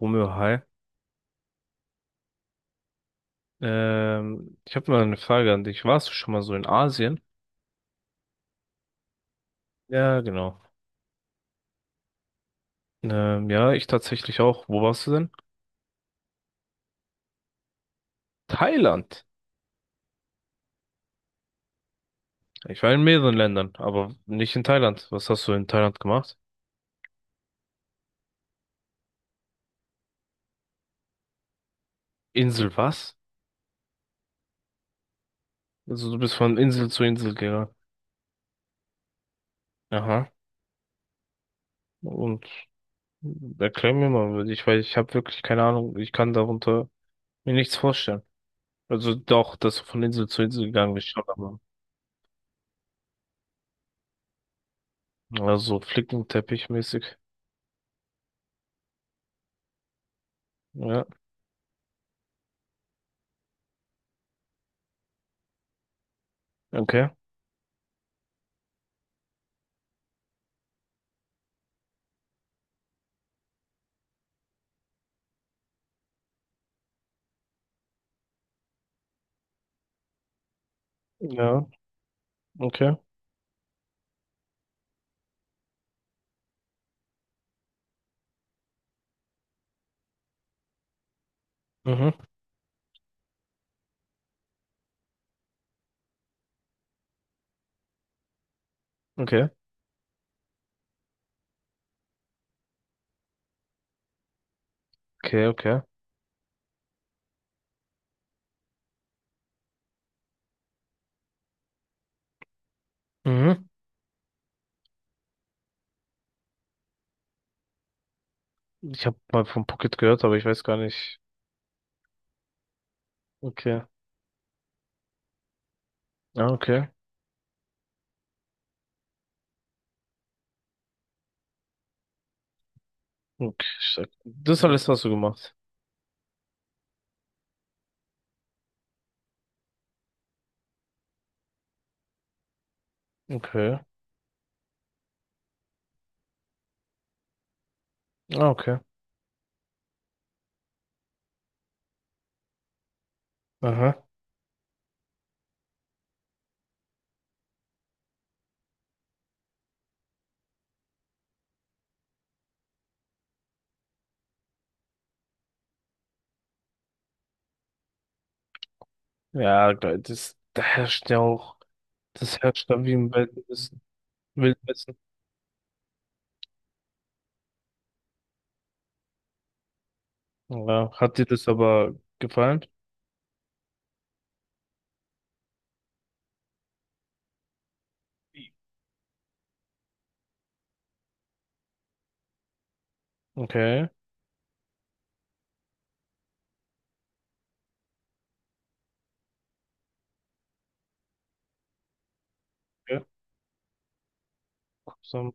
Romeo, hi. Ich habe mal eine Frage an dich. Warst du schon mal so in Asien? Ja, genau. Ja, ich tatsächlich auch. Wo warst du denn? Thailand. Ich war in mehreren Ländern, aber nicht in Thailand. Was hast du in Thailand gemacht? Insel was? Also du bist von Insel zu Insel gegangen. Aha. Und erklär mir mal, weil ich habe wirklich keine Ahnung. Ich kann darunter mir nichts vorstellen. Also doch, dass du von Insel zu Insel gegangen bist, schon, aber also flickenteppich-mäßig. Ja, okay. Ja. Okay. Mhm. Okay. Okay, okay. Mhm. Ich habe mal von Pocket gehört, aber ich weiß gar nicht. Okay. Ah, okay. Okay. Stark. Das alles hast du gemacht. Okay. Ah, okay. Aha. Ja, geil. Das, da herrscht ja auch, das herrscht da wie im Wildnis. Wildnissen. Ja. Hat dir das aber gefallen? Okay. Ja, so.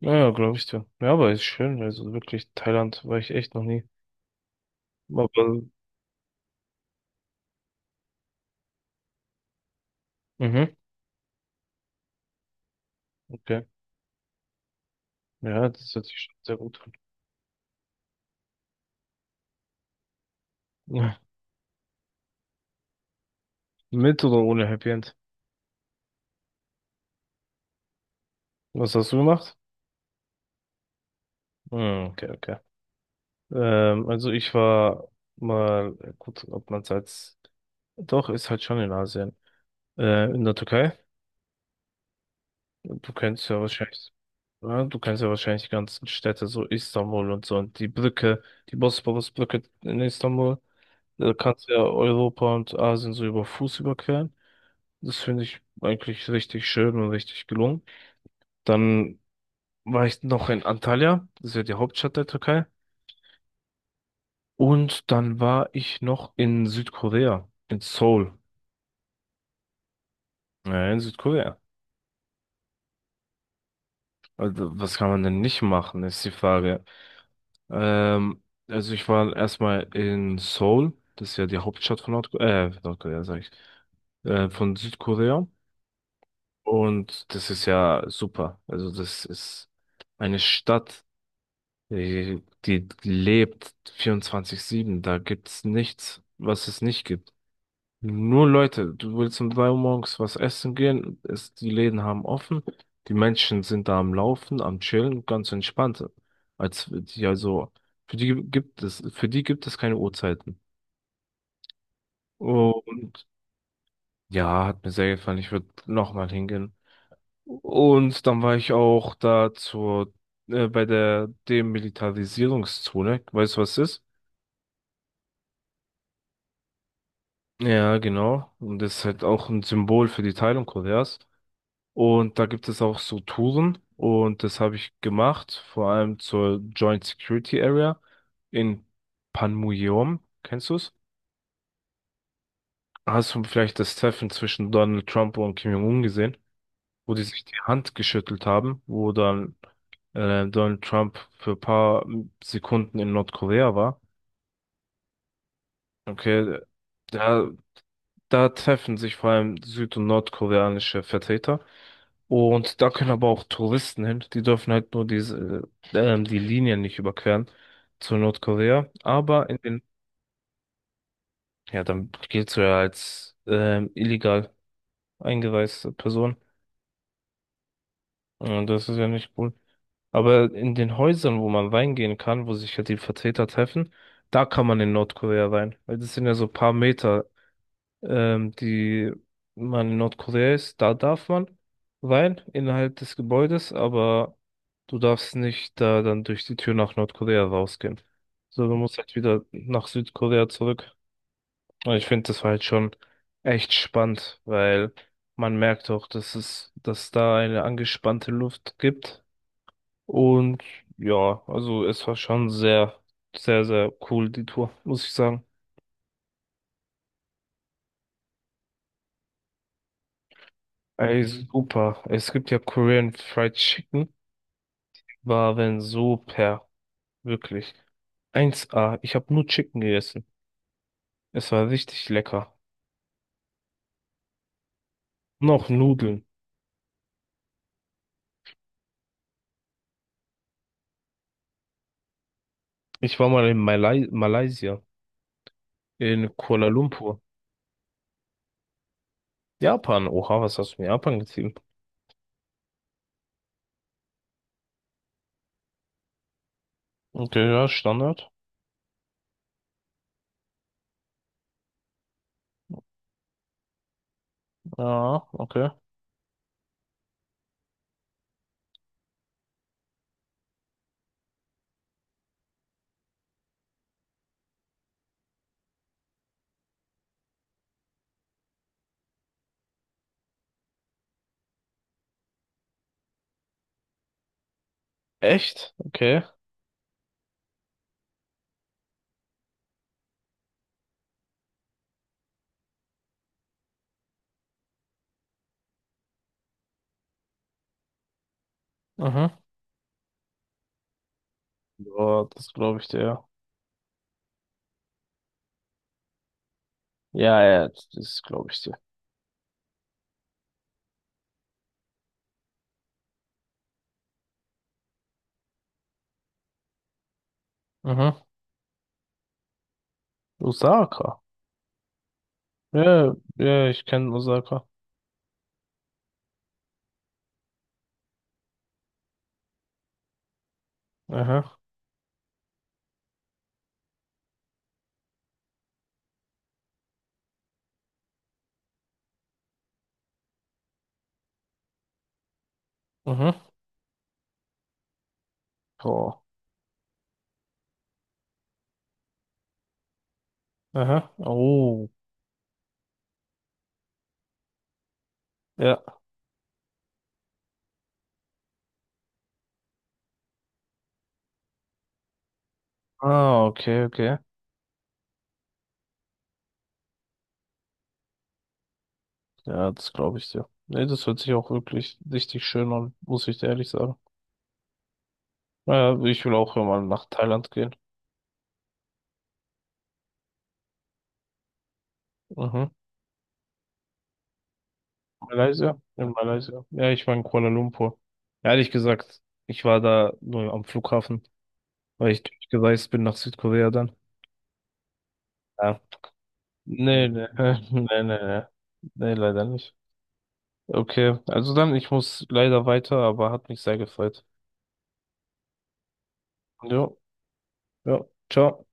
Ja, glaube ich dir. Ja, aber ist schön. Also wirklich, Thailand war ich echt noch nie. Aber, mhm. Okay. Ja, das hört sich schon sehr gut an. Mit oder ohne Happy End? Was hast du gemacht? Hm, okay, okay. Also ich war mal, gut, ob man es als, doch, ist halt schon in Asien. In der Türkei. Du kennst ja wahrscheinlich, ja, du kennst ja wahrscheinlich die ganzen Städte, so Istanbul und so, und die Brücke, die Bosporusbrücke in Istanbul. Da kannst du ja Europa und Asien so über Fuß überqueren. Das finde ich eigentlich richtig schön und richtig gelungen. Dann war ich noch in Antalya, das ist ja die Hauptstadt der Türkei. Und dann war ich noch in Südkorea, in Seoul. Ja, in Südkorea. Also, was kann man denn nicht machen, ist die Frage. Ähm, also ich war erstmal in Seoul, das ist ja die Hauptstadt von Nordkorea, Nordkorea, sag ich, von Südkorea. Und das ist ja super. Also das ist eine Stadt, die, die lebt 24/7. Da gibt's nichts, was es nicht gibt. Nur Leute, du willst um 3 Uhr morgens was essen gehen, es, die Läden haben offen, die Menschen sind da am Laufen, am Chillen, ganz entspannt. Als die, also, für die gibt es keine Uhrzeiten. Und ja, hat mir sehr gefallen, ich würde nochmal hingehen. Und dann war ich auch da bei der Demilitarisierungszone, weißt du, was das ist? Ja, genau. Und das ist halt auch ein Symbol für die Teilung Koreas. Und da gibt es auch so Touren und das habe ich gemacht, vor allem zur Joint Security Area in Panmunjom. Kennst du es? Hast du vielleicht das Treffen zwischen Donald Trump und Kim Jong-un gesehen, wo die sich die Hand geschüttelt haben, wo dann Donald Trump für ein paar Sekunden in Nordkorea war? Okay, da Da treffen sich vor allem süd- und nordkoreanische Vertreter. Und da können aber auch Touristen hin. Die dürfen halt nur diese, die Linien nicht überqueren zu Nordkorea. Aber in den, ja, dann giltst du ja als illegal eingereiste Person. Und das ist ja nicht cool. Aber in den Häusern, wo man reingehen kann, wo sich halt die Vertreter treffen, da kann man in Nordkorea rein. Weil das sind ja so paar Meter die man in Nordkorea ist, da darf man rein innerhalb des Gebäudes, aber du darfst nicht da dann durch die Tür nach Nordkorea rausgehen. So, du musst halt wieder nach Südkorea zurück. Und ich finde, das war halt schon echt spannend, weil man merkt auch, dass es, dass da eine angespannte Luft gibt. Und ja, also es war schon sehr, sehr, sehr cool, die Tour, muss ich sagen. Ey, super. Es gibt ja Korean Fried Chicken. Waren super, wirklich. Eins a, ich habe nur Chicken gegessen. Es war richtig lecker. Und auch Nudeln. Ich war mal in Malai Malaysia, in Kuala Lumpur. Japan. Oha, was hast du in Japan gezogen? Okay, ja, Standard. Ja, okay. Echt? Okay. Mhm. Ja, das glaube ich dir. Ja, ja, ja, das glaube ich dir. Mhm. Osaka. Ja, ja, ich kenne Osaka. Aha, mhm. Oh. Aha. Oh. Ja. Ah, okay, okay. Ja, das glaube ich dir. Nee, das hört sich auch wirklich richtig schön an, muss ich dir ehrlich sagen. Naja, ich will auch mal nach Thailand gehen. Mhm. Malaysia? In Malaysia. Ja, ich war in Kuala Lumpur. Ehrlich gesagt, ich war da nur am Flughafen, weil ich durchgereist bin nach Südkorea dann. Ja. Nee, nee, nee, nee, nee. Nee, leider nicht. Okay, also dann, ich muss leider weiter, aber hat mich sehr gefreut. Jo, ja, ciao.